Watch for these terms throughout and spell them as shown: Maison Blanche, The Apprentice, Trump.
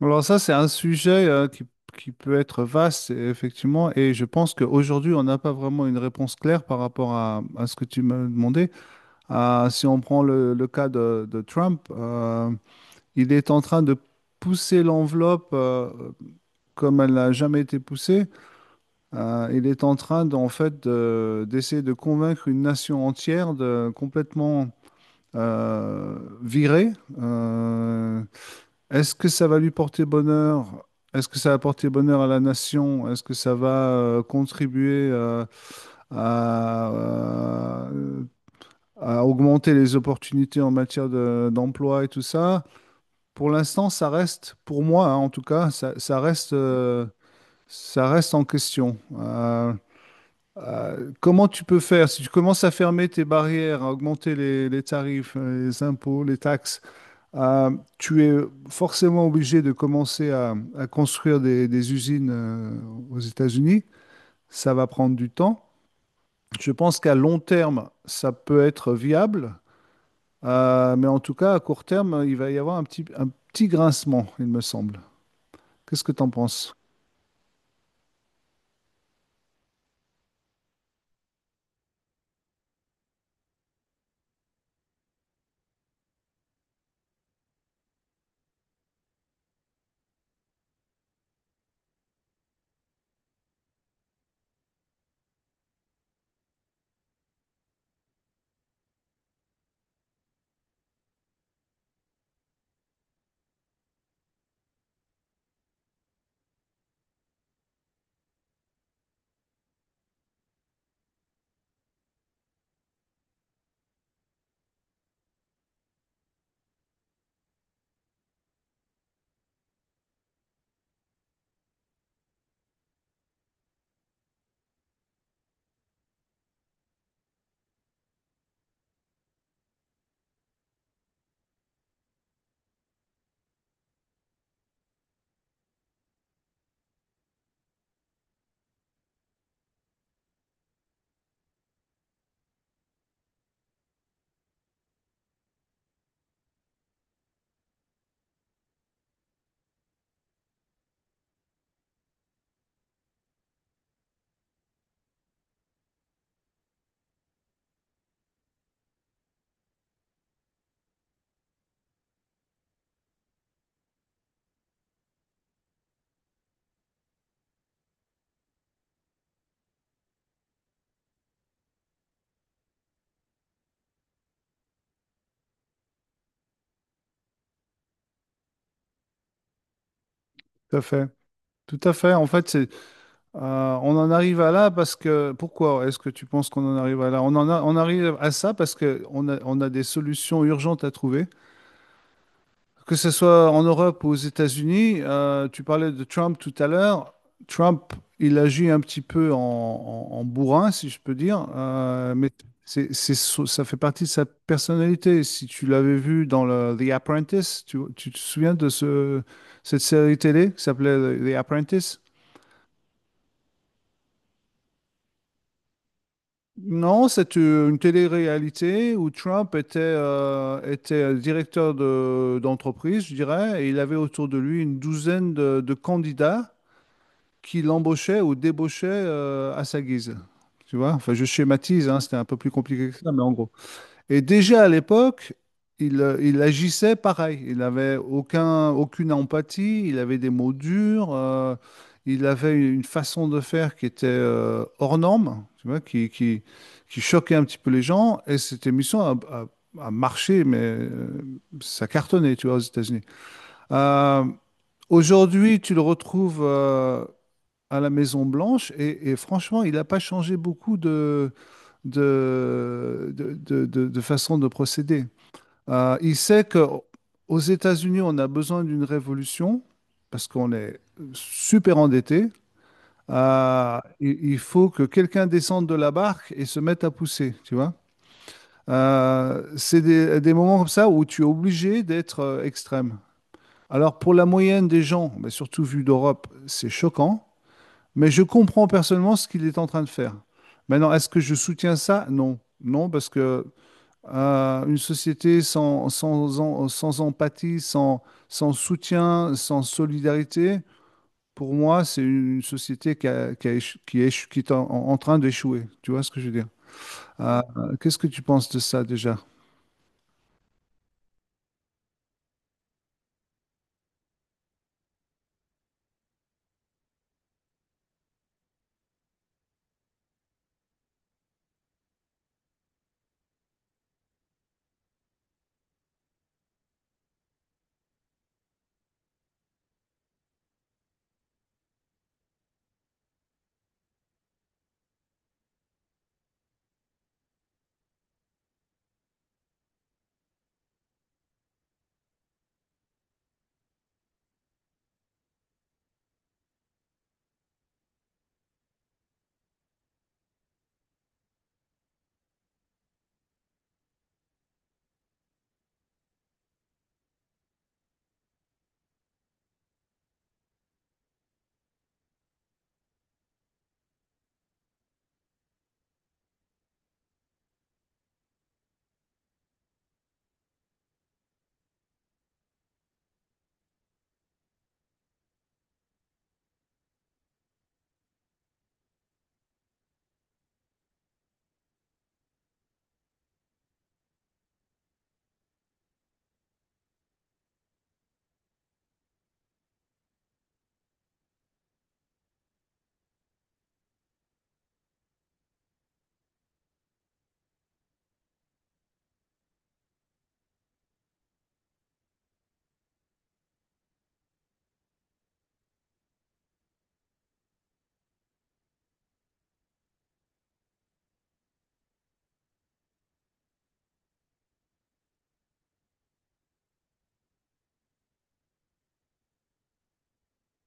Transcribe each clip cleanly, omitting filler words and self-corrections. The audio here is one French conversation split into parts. Alors ça, c'est un sujet qui peut être vaste, effectivement, et je pense qu'aujourd'hui, on n'a pas vraiment une réponse claire par rapport à ce que tu m'as demandé. Ah, si on prend le cas de Trump, il est en train de pousser l'enveloppe comme elle n'a jamais été poussée. Il est en train, d'en fait, de- d'essayer de convaincre une nation entière de complètement virer. euh, Est-ce que ça va lui porter bonheur? Est-ce que ça va porter bonheur à la nation? Est-ce que ça va contribuer à, euh, à augmenter les opportunités en matière d'emploi et tout ça? Pour l'instant, ça reste, pour moi hein, en tout cas, ça reste en question. Comment tu peux faire? Si tu commences à fermer tes barrières, à augmenter les tarifs, les impôts, les taxes, euh, tu es forcément obligé de commencer à construire des usines aux États-Unis. Ça va prendre du temps. Je pense qu'à long terme, ça peut être viable. Mais en tout cas, à court terme, il va y avoir un petit grincement, il me semble. Qu'est-ce que tu en penses? Tout à fait. Tout à fait. En fait, euh, on en arrive à là parce que... Pourquoi est-ce que tu penses qu'on en arrive à là? On arrive à ça parce on a des solutions urgentes à trouver. Que ce soit en Europe ou aux États-Unis, tu parlais de Trump tout à l'heure. Trump, il agit un petit peu en bourrin, si je peux dire, mais ça fait partie de sa personnalité. Si tu l'avais vu dans The Apprentice, tu te souviens de ce, cette série télé qui s'appelait The Apprentice? Non, c'est une télé-réalité où Trump était, était directeur d'entreprise, je dirais, et il avait autour de lui une douzaine de candidats qui l'embauchait ou débauchait à sa guise. Tu vois? Enfin, je schématise, hein, c'était un peu plus compliqué que ça, mais en gros. Et déjà à l'époque, il agissait pareil. Il n'avait aucun, aucune empathie, il avait des mots durs, il avait une façon de faire qui était hors norme, tu vois, qui choquait un petit peu les gens. Et cette émission a marché, mais ça cartonnait, tu vois, aux États-Unis. Euh, Aujourd'hui, tu le retrouves. À la Maison Blanche et franchement, il n'a pas changé beaucoup de façon de procéder. Il sait que aux États-Unis, on a besoin d'une révolution parce qu'on est super endetté. Il faut que quelqu'un descende de la barque et se mette à pousser, tu vois. C'est des moments comme ça où tu es obligé d'être extrême. Alors pour la moyenne des gens, mais surtout vu d'Europe, c'est choquant. Mais je comprends personnellement ce qu'il est en train de faire. Maintenant, est-ce que je soutiens ça? Non. Non, parce que une société sans empathie, sans, sans soutien, sans solidarité, pour moi, c'est une société qui, a éche- qui est en train d'échouer. Tu vois ce que je veux dire? Euh, qu'est-ce que tu penses de ça déjà?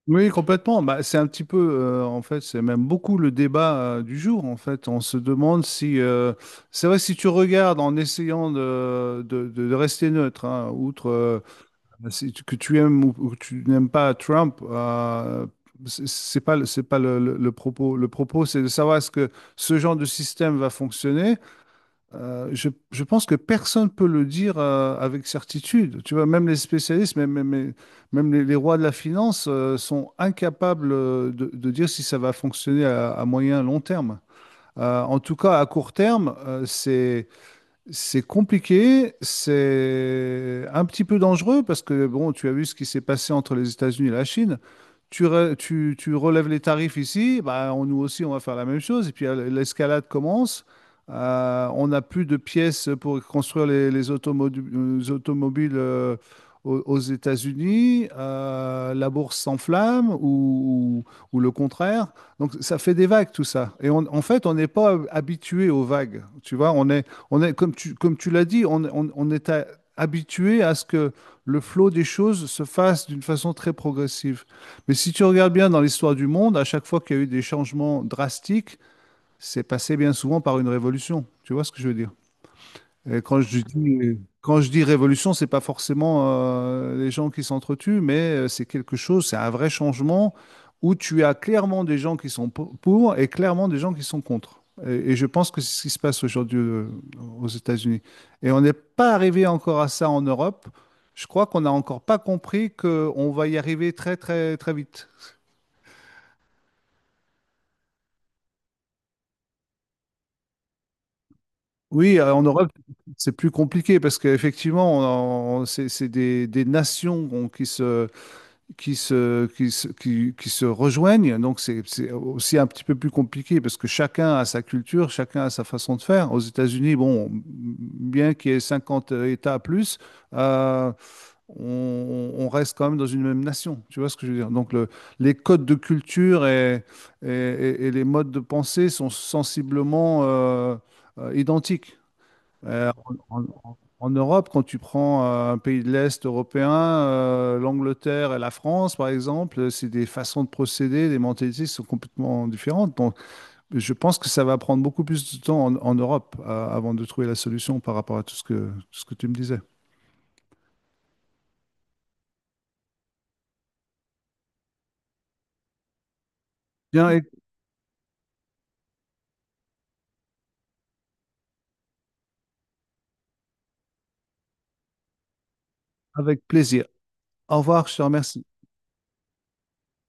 Oui, complètement. Bah, c'est un petit peu, en fait, c'est même beaucoup le débat du jour. En fait, on se demande si, c'est vrai, si tu regardes en essayant de rester neutre, hein, outre si que tu aimes ou que tu n'aimes pas Trump, c'est pas, c'est pas le propos. Le propos, c'est de savoir est-ce que ce genre de système va fonctionner. Je pense que personne ne peut le dire avec certitude. Tu vois, même les spécialistes, même les rois de la finance sont incapables de dire si ça va fonctionner à moyen, long terme. En tout cas, à court terme, c'est compliqué, c'est un petit peu dangereux parce que bon, tu as vu ce qui s'est passé entre les États-Unis et la Chine. Tu relèves les tarifs ici, bah, nous aussi on va faire la même chose et puis l'escalade commence. On n'a plus de pièces pour construire les automobiles aux États-Unis. La bourse s'enflamme ou le contraire. Donc ça fait des vagues tout ça. Et en fait, on n'est pas habitué aux vagues. Tu vois, on est, comme tu l'as dit, on est habitué à ce que le flot des choses se fasse d'une façon très progressive. Mais si tu regardes bien dans l'histoire du monde, à chaque fois qu'il y a eu des changements drastiques, c'est passé bien souvent par une révolution. Tu vois ce que je veux dire? Et quand je dis révolution, c'est pas forcément les gens qui s'entretuent, mais c'est quelque chose, c'est un vrai changement où tu as clairement des gens qui sont pour et clairement des gens qui sont contre. Et je pense que c'est ce qui se passe aujourd'hui aux États-Unis. Et on n'est pas arrivé encore à ça en Europe. Je crois qu'on n'a encore pas compris qu'on va y arriver très, très, très vite. Oui, en Europe, c'est plus compliqué parce qu'effectivement, c'est des nations bon, qui se rejoignent. Donc, c'est aussi un petit peu plus compliqué parce que chacun a sa culture, chacun a sa façon de faire. Aux États-Unis, bon, bien qu'il y ait 50 États plus, euh, on reste quand même dans une même nation. Tu vois ce que je veux dire? Donc, les codes de culture et les modes de pensée sont sensiblement identiques. Euh, En Europe, quand tu prends un pays de l'Est européen, l'Angleterre et la France, par exemple, c'est des façons de procéder, des mentalités qui sont complètement différentes. Donc, je pense que ça va prendre beaucoup plus de temps en Europe avant de trouver la solution par rapport à tout ce que tu me disais. Bien, et avec plaisir. Au revoir, je te remercie.